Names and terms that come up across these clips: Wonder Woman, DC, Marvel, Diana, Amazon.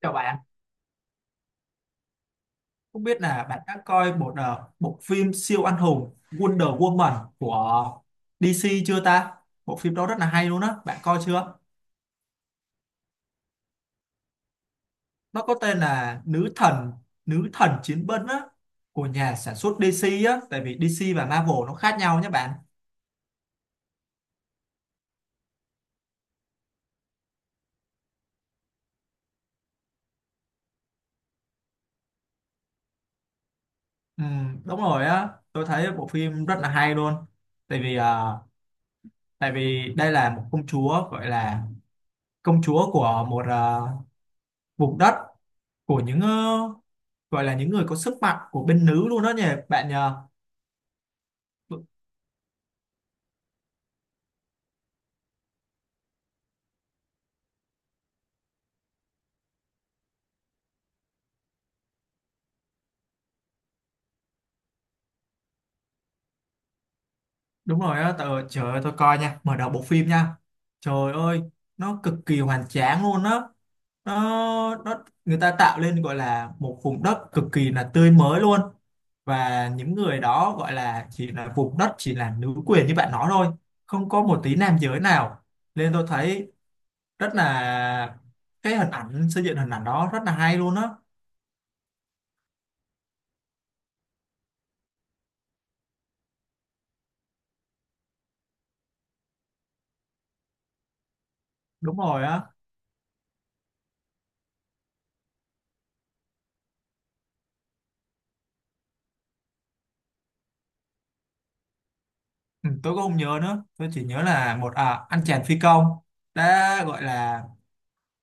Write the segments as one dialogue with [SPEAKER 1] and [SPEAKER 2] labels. [SPEAKER 1] Chào bạn, không biết là bạn đã coi một bộ phim siêu anh hùng Wonder Woman của DC chưa ta? Bộ phim đó rất là hay luôn á, bạn coi chưa? Nó có tên là Nữ thần chiến binh á của nhà sản xuất DC á, tại vì DC và Marvel nó khác nhau nhé bạn. Ừ, đúng rồi á, tôi thấy bộ phim rất là hay luôn. Tại vì ờ, Tại vì đây là một công chúa gọi là công chúa của một vùng đất của những gọi là những người có sức mạnh của bên nữ luôn đó nhỉ bạn nhờ. Đ- Đúng rồi đó tờ, trời ơi tôi coi nha, mở đầu bộ phim nha, trời ơi nó cực kỳ hoành tráng luôn đó, nó người ta tạo lên gọi là một vùng đất cực kỳ là tươi mới luôn, và những người đó gọi là chỉ là vùng đất chỉ là nữ quyền như bạn nói thôi, không có một tí nam giới nào, nên tôi thấy rất là cái hình ảnh xây dựng hình ảnh đó rất là hay luôn á. Đúng rồi á. Ừ, tôi cũng không nhớ nữa, tôi chỉ nhớ là một anh chàng phi công đã gọi là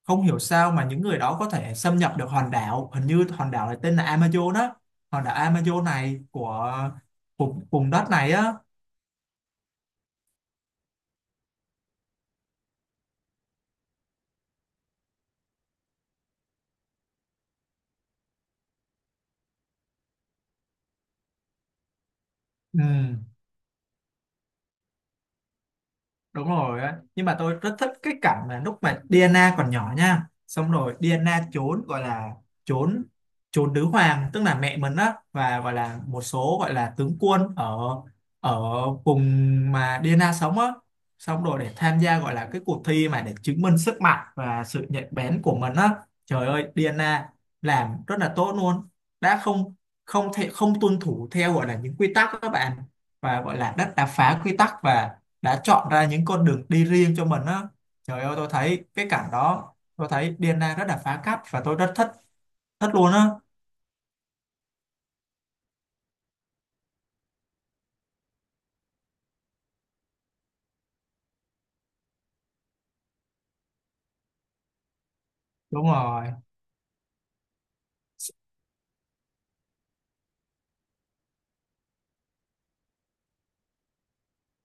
[SPEAKER 1] không hiểu sao mà những người đó có thể xâm nhập được hòn đảo, hình như hòn đảo này tên là Amazon á, hòn đảo Amazon này của vùng vùng đất này á. Ừ. Đúng rồi á, nhưng mà tôi rất thích cái cảnh mà lúc mà Diana còn nhỏ nha, xong rồi Diana trốn gọi là trốn trốn nữ hoàng tức là mẹ mình á, và gọi là một số gọi là tướng quân ở ở vùng mà Diana sống á, xong rồi để tham gia gọi là cái cuộc thi mà để chứng minh sức mạnh và sự nhạy bén của mình á. Trời ơi Diana làm rất là tốt luôn, đã không không thể không tuân thủ theo gọi là những quy tắc đó các bạn, và gọi là đã phá quy tắc, và đã chọn ra những con đường đi riêng cho mình á. Trời ơi tôi thấy cái cảnh đó, tôi thấy Diana rất là phá cách và tôi rất thích thích luôn á. Đúng rồi,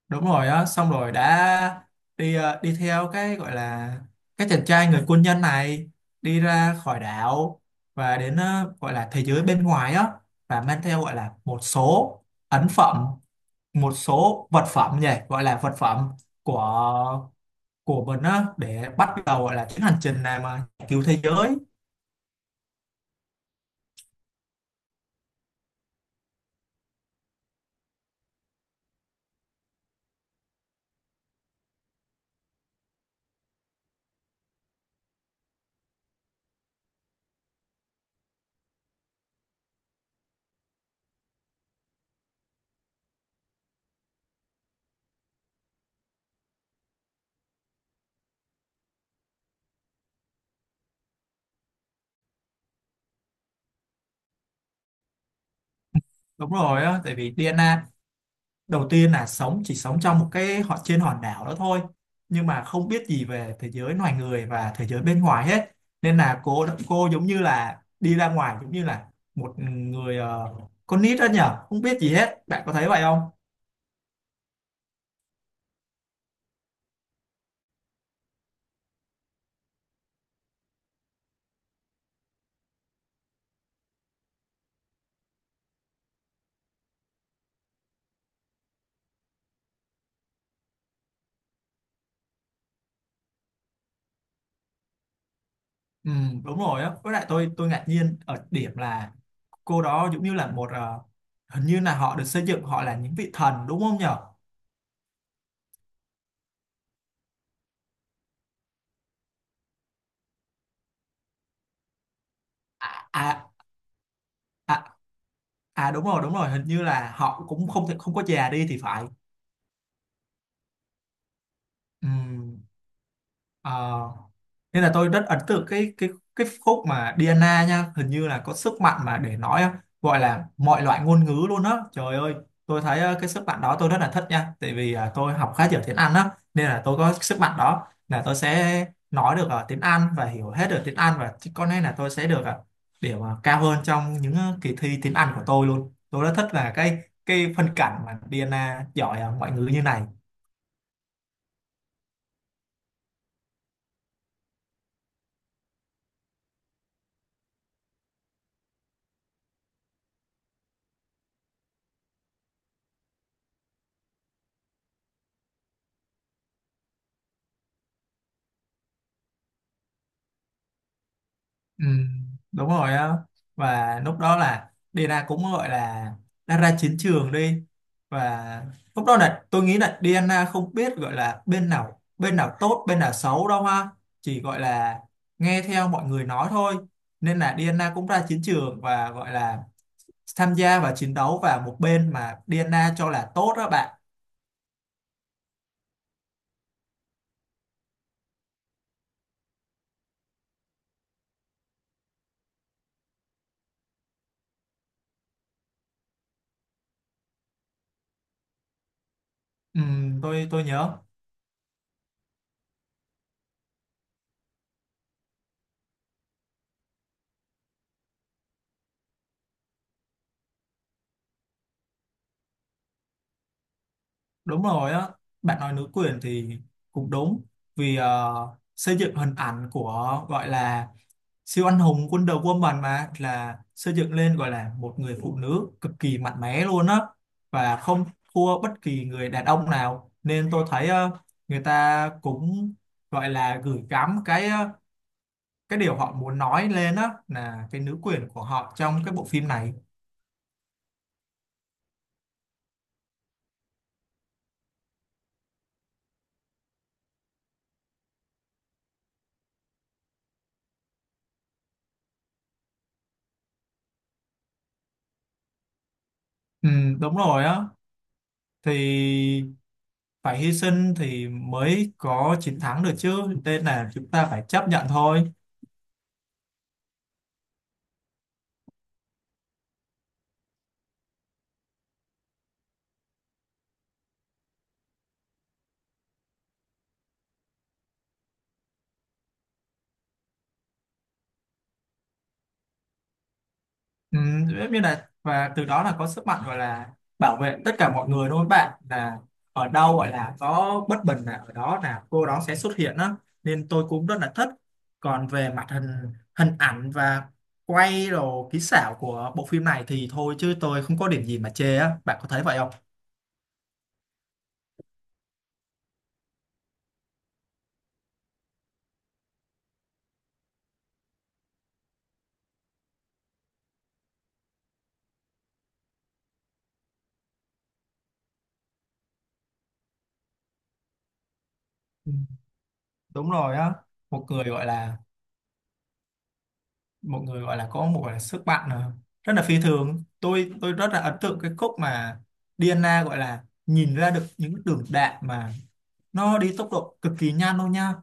[SPEAKER 1] đúng rồi á, xong rồi đã đi đi theo cái gọi là cái chàng trai người quân nhân này đi ra khỏi đảo, và đến gọi là thế giới bên ngoài á, và mang theo gọi là một số ấn phẩm, một số vật phẩm nhỉ, gọi là vật phẩm của của mình á để bắt đầu gọi là chuyến hành trình này mà cứu thế giới. Đúng rồi á, tại vì DNA đầu tiên là sống, chỉ sống trong một cái họ trên hòn đảo đó thôi, nhưng mà không biết gì về thế giới loài người và thế giới bên ngoài hết. Nên là cô giống như là đi ra ngoài, giống như là một người con nít đó nhở, không biết gì hết. Bạn có thấy vậy không? Ừ, đúng rồi á. Với lại tôi ngạc nhiên ở điểm là cô đó giống như là một hình như là họ được xây dựng, họ là những vị thần đúng không nhở? À, à, à, à đúng rồi, đúng rồi, hình như là họ cũng không thể không có già đi thì phải. Ừm, ờ, Nên là tôi rất ấn tượng cái cái khúc mà Diana nha, hình như là có sức mạnh mà để nói á, gọi là mọi loại ngôn ngữ luôn á. Trời ơi tôi thấy cái sức mạnh đó tôi rất là thích nha, tại vì tôi học khá nhiều tiếng Anh á, nên là tôi có sức mạnh đó là tôi sẽ nói được tiếng Anh và hiểu hết được tiếng Anh, và chứ có lẽ là tôi sẽ được điểm cao hơn trong những kỳ thi tiếng Anh của tôi luôn. Tôi rất thích là cái phân cảnh mà Diana giỏi ngoại ngữ như này. Ừ, đúng rồi á, và lúc đó là Diana cũng gọi là đã ra chiến trường đi, và lúc đó là tôi nghĩ là Diana không biết gọi là bên nào tốt bên nào xấu đâu ha, chỉ gọi là nghe theo mọi người nói thôi, nên là Diana cũng ra chiến trường, và gọi là tham gia và chiến đấu vào một bên mà Diana cho là tốt đó bạn. Ừ, tôi nhớ. Đúng rồi á, bạn nói nữ quyền thì cũng đúng, vì xây dựng hình ảnh của gọi là siêu anh hùng Wonder Woman mà là xây dựng lên gọi là một người phụ nữ cực kỳ mạnh mẽ luôn á, và không thua bất kỳ người đàn ông nào, nên tôi thấy người ta cũng gọi là gửi gắm cái cái điều họ muốn nói lên á là cái nữ quyền của họ trong cái bộ phim này. Ừ, đúng rồi á, thì phải hy sinh thì mới có chiến thắng được chứ, nên là chúng ta phải chấp nhận thôi. Ừ, giống như là và từ đó là có sức mạnh gọi là bảo vệ tất cả mọi người đúng không bạn, là ở đâu gọi là có bất bình là ở đó là cô đó sẽ xuất hiện đó, nên tôi cũng rất là thích. Còn về mặt hình hình ảnh và quay đồ kỹ xảo của bộ phim này thì thôi, chứ tôi không có điểm gì mà chê á, bạn có thấy vậy không? Ừ, đúng rồi á, một người gọi là mọi người gọi là có một gọi là sức mạnh rất là phi thường. Tôi rất là ấn tượng cái khúc mà Diana gọi là nhìn ra được những đường đạn mà nó đi tốc độ cực kỳ nhanh luôn nha,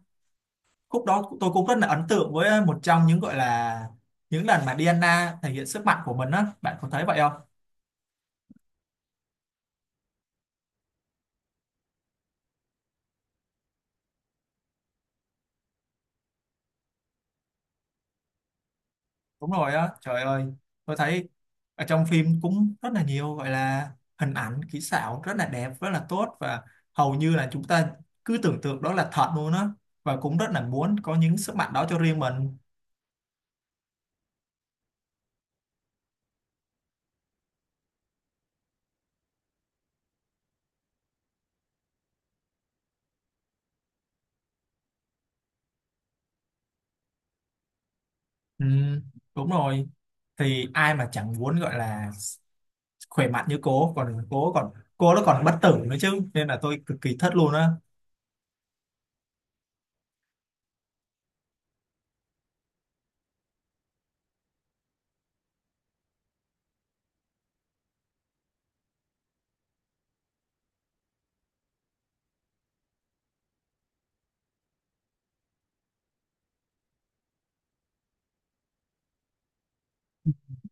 [SPEAKER 1] khúc đó tôi cũng rất là ấn tượng với một trong những gọi là những lần mà Diana thể hiện sức mạnh của mình á, bạn có thấy vậy không? Đúng rồi á, trời ơi tôi thấy ở trong phim cũng rất là nhiều gọi là hình ảnh kỹ xảo rất là đẹp rất là tốt, và hầu như là chúng ta cứ tưởng tượng đó là thật luôn á, và cũng rất là muốn có những sức mạnh đó cho riêng mình. Ừ, đúng rồi, thì ai mà chẳng muốn gọi là khỏe mạnh như cô, còn cô còn cô nó còn bất tử nữa chứ, nên là tôi cực kỳ thất luôn á.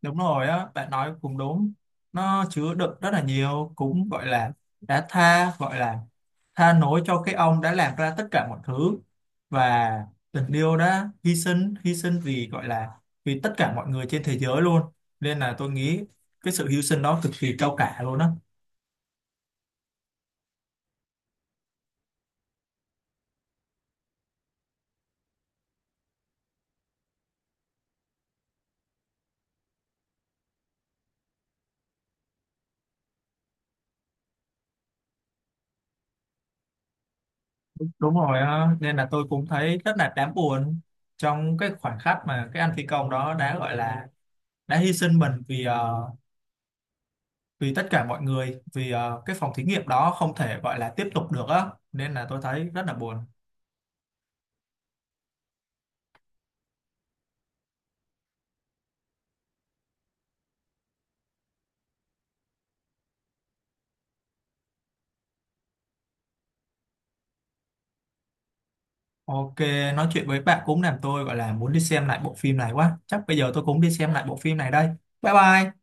[SPEAKER 1] Đúng rồi á, bạn nói cũng đúng, nó chứa đựng rất là nhiều cũng gọi là đã tha gọi là tha lỗi cho cái ông đã làm ra tất cả mọi thứ, và tình yêu đã hy sinh, hy sinh vì gọi là vì tất cả mọi người trên thế giới luôn, nên là tôi nghĩ cái sự hy sinh đó cực kỳ cao cả luôn á. Đúng rồi á, nên là tôi cũng thấy rất là đáng buồn trong cái khoảnh khắc mà cái anh phi công đó đã gọi là đã hy sinh mình vì vì tất cả mọi người, vì cái phòng thí nghiệm đó không thể gọi là tiếp tục được á, nên là tôi thấy rất là buồn. Ok, nói chuyện với bạn cũng làm tôi gọi là muốn đi xem lại bộ phim này quá. Chắc bây giờ tôi cũng đi xem lại bộ phim này đây. Bye bye.